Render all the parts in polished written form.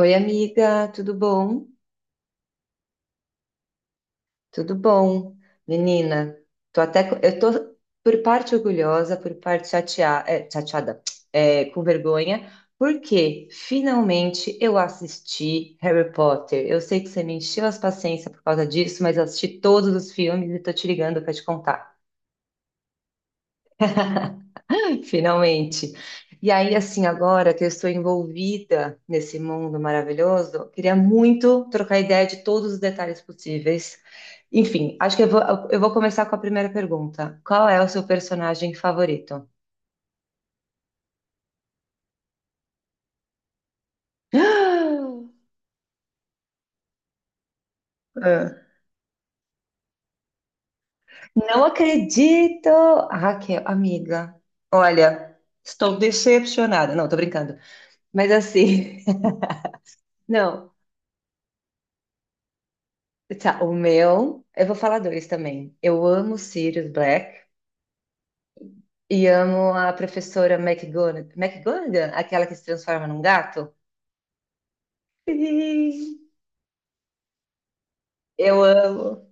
Oi, amiga, tudo bom? Tudo bom. Menina, tô até, eu tô por parte orgulhosa, por parte chateada, com vergonha, porque finalmente eu assisti Harry Potter. Eu sei que você me encheu as paciências por causa disso, mas eu assisti todos os filmes e tô te ligando pra te contar. Finalmente. E aí, assim, agora que eu estou envolvida nesse mundo maravilhoso, eu queria muito trocar ideia de todos os detalhes possíveis. Enfim, acho que eu vou começar com a primeira pergunta. Qual é o seu personagem favorito? Ah, não acredito! Ah, Raquel, amiga, olha, estou decepcionada. Não, tô brincando. Mas assim, não, tá, o meu, eu vou falar dois também. Eu amo Sirius Black. E amo a professora McGonag- McGonagall, aquela que se transforma num gato. Sim. Eu amo,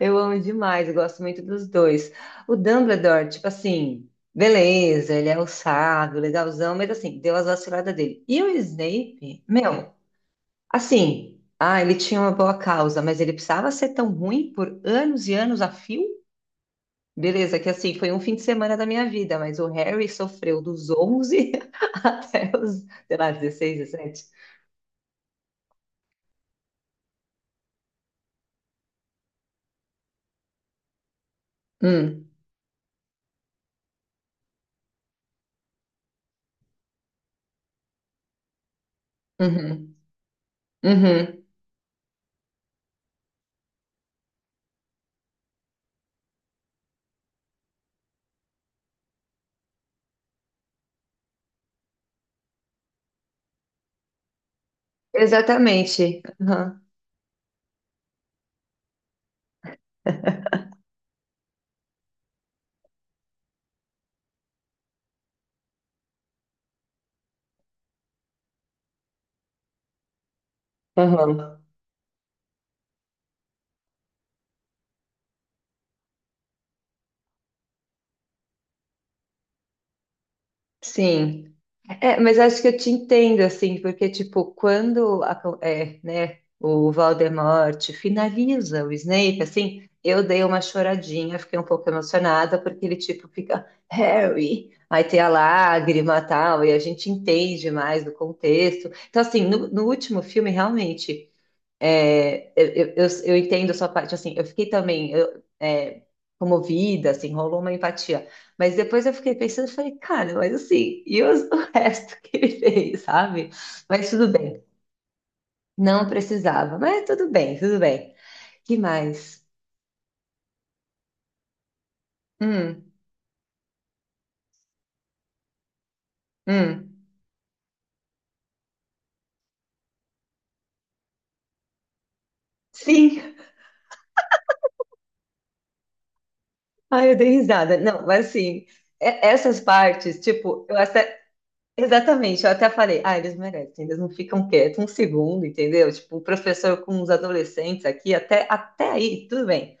eu amo demais, eu gosto muito dos dois. O Dumbledore, tipo assim, beleza, ele é o sábio, legalzão, mas assim, deu as vaciladas dele. E o Snape, meu, assim, ah, ele tinha uma boa causa, mas ele precisava ser tão ruim por anos e anos a fio? Beleza, que assim, foi um fim de semana da minha vida, mas o Harry sofreu dos 11 até os, sei lá, 16, 17. Hum, uhum, uhum. Exatamente. Aham, aham. Sim. É, mas acho que eu te entendo, assim, porque, tipo, quando a co- é, né, o Voldemort finaliza o Snape, assim, eu dei uma choradinha, fiquei um pouco emocionada, porque ele, tipo, fica Harry, aí tem a lágrima e tal, e a gente entende mais do contexto. Então, assim, no último filme, realmente. É, eu entendo a sua parte, assim, eu fiquei também comovida, assim, rolou uma empatia. Mas depois eu fiquei pensando, eu falei, cara, mas assim, o resto que ele fez, sabe? Mas tudo bem, não precisava, mas tudo bem, tudo bem. Que mais? Hum, hum. Sim, ai, eu dei risada. Não, mas assim, essas partes, tipo, eu até exatamente, eu até falei, ah, eles merecem, eles não ficam quietos um segundo, entendeu? Tipo, o professor com os adolescentes aqui, até, até aí, tudo bem.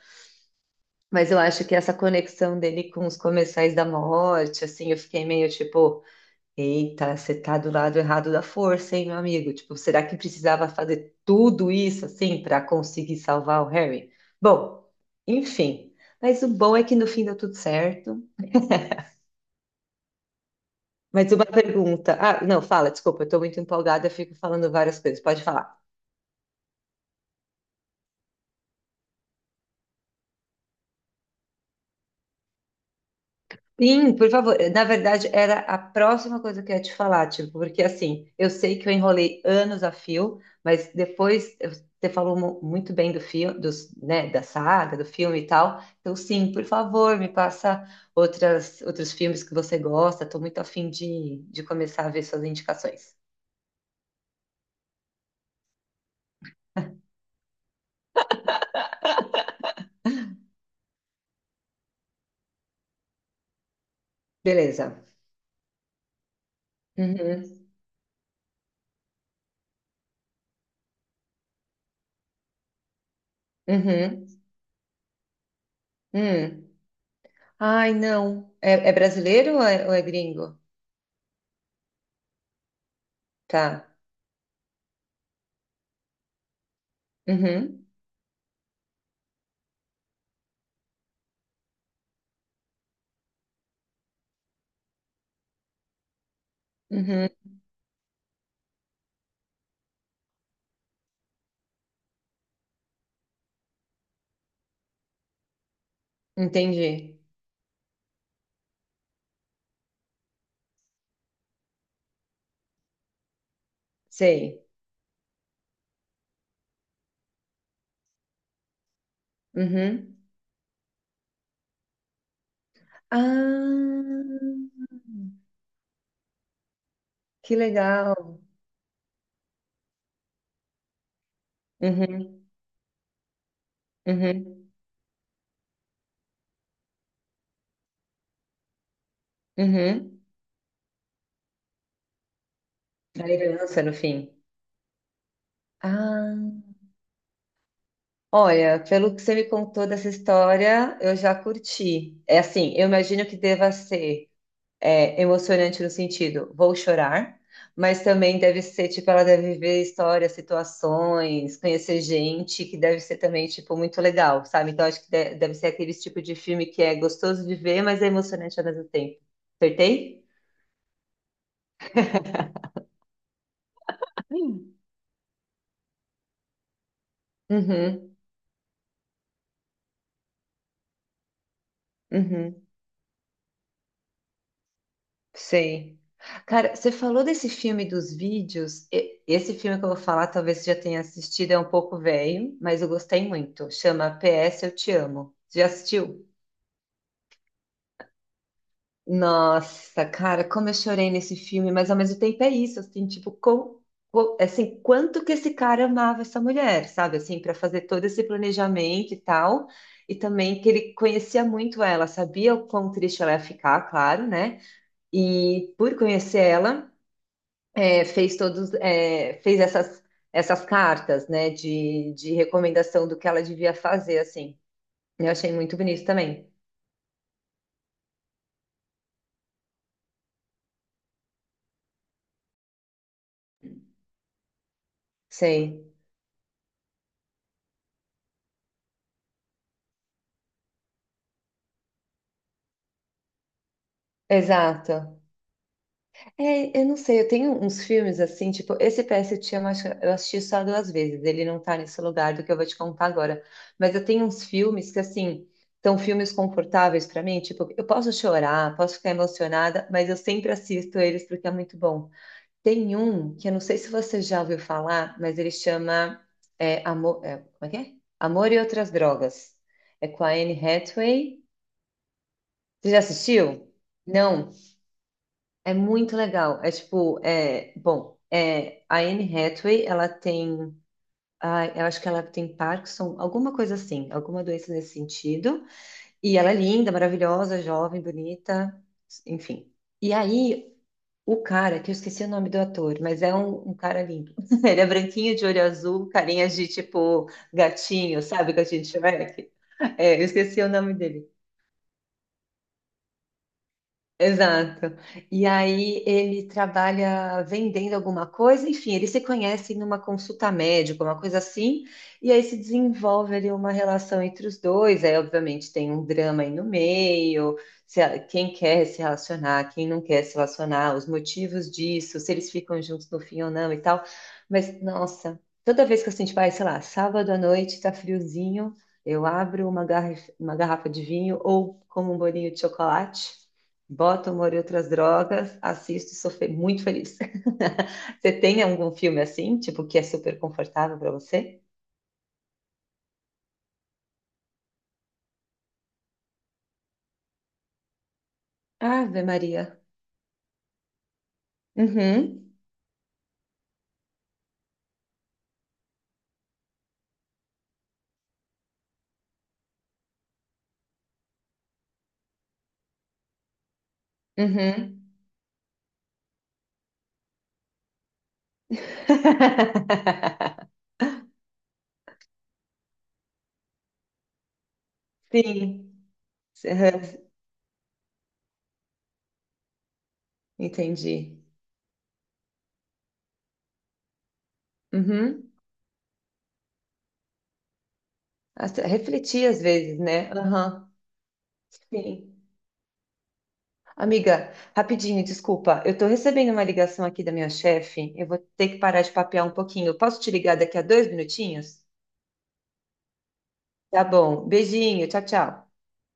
Mas eu acho que essa conexão dele com os comerciais da morte, assim, eu fiquei meio tipo, eita, você tá do lado errado da força, hein, meu amigo? Tipo, será que precisava fazer tudo isso, assim, para conseguir salvar o Harry? Bom, enfim. Mas o bom é que no fim deu tudo certo. Mas uma pergunta. Ah, não, fala, desculpa, eu tô muito empolgada, eu fico falando várias coisas. Pode falar. Sim, por favor. Na verdade, era a próxima coisa que eu ia te falar, tipo, porque assim, eu sei que eu enrolei anos a fio, mas você falou muito bem do filme, dos, né, da saga, do filme e tal. Então, sim, por favor, me passa outros filmes que você gosta. Estou muito afim de começar a ver suas indicações. Beleza. Uhum, uhum, hum. Ai, não. É, é brasileiro ou ou é gringo? Tá. Uhum, uhum, entendi. Sei. Uhum. Ah, que legal. Uhum, uhum, uhum. A herança no fim. Ah, olha, pelo que você me contou dessa história, eu já curti. É assim, eu imagino que deva ser. É, emocionante no sentido, vou chorar, mas também deve ser, tipo, ela deve ver histórias, situações, conhecer gente, que deve ser também, tipo, muito legal, sabe? Então, acho que deve ser aquele tipo de filme que é gostoso de ver, mas é emocionante ao mesmo tempo. Acertei? Ai, uhum, uhum, sei. Cara, você falou desse filme dos vídeos. Esse filme que eu vou falar, talvez você já tenha assistido, é um pouco velho, mas eu gostei muito. Chama PS Eu Te Amo. Você já assistiu? Nossa, cara, como eu chorei nesse filme, mas ao mesmo tempo é isso, assim, tipo, assim, quanto que esse cara amava essa mulher, sabe, assim, para fazer todo esse planejamento e tal, e também que ele conhecia muito ela, sabia o quão triste ela ia ficar, claro, né, e por conhecer ela, fez essas cartas, né, de recomendação do que ela devia fazer, assim, eu achei muito bonito também, sei, exato. É, eu não sei, eu tenho uns filmes assim, tipo, esse PS eu te amo, acho que eu assisti só duas vezes, ele não tá nesse lugar do que eu vou te contar agora. Mas eu tenho uns filmes que, assim, são filmes confortáveis pra mim, tipo, eu posso chorar, posso ficar emocionada, mas eu sempre assisto eles porque é muito bom. Tem um que eu não sei se você já ouviu falar, mas ele chama Amor, é, como é que é? Amor e Outras Drogas. É com a Anne Hathaway. Você já assistiu? Não. É muito legal. É tipo, bom, a Anne Hathaway, ela tem, ai, eu acho que ela tem Parkinson, alguma coisa assim, alguma doença nesse sentido. E ela é linda, maravilhosa, jovem, bonita, enfim. E aí, o cara, que eu esqueci o nome do ator, mas é um cara lindo. Ele é branquinho, de olho azul, carinha de tipo gatinho, sabe? Gatinho de Shrek. É, eu esqueci o nome dele. Exato. E aí ele trabalha vendendo alguma coisa, enfim, eles se conhecem numa consulta médica, uma coisa assim, e aí se desenvolve ali uma relação entre os dois. Aí, obviamente, tem um drama aí no meio, se a- quem quer se relacionar, quem não quer se relacionar, os motivos disso, se eles ficam juntos no fim ou não e tal. Mas, nossa, toda vez que assim, tipo, ai, sei lá, sábado à noite, tá friozinho, eu abro uma garrafa de vinho ou como um bolinho de chocolate. Boto humor e outras drogas, assisto e sou muito feliz. Você tem algum filme assim, tipo, que é super confortável para você? Ave Maria. Uhum, uhum. Sim, aham, entendi. Uhum. Até refletir às vezes, né? Aham, sim. Amiga, rapidinho, desculpa. Eu tô recebendo uma ligação aqui da minha chefe. Eu vou ter que parar de papear um pouquinho. Posso te ligar daqui a dois minutinhos? Tá bom. Beijinho, tchau, tchau.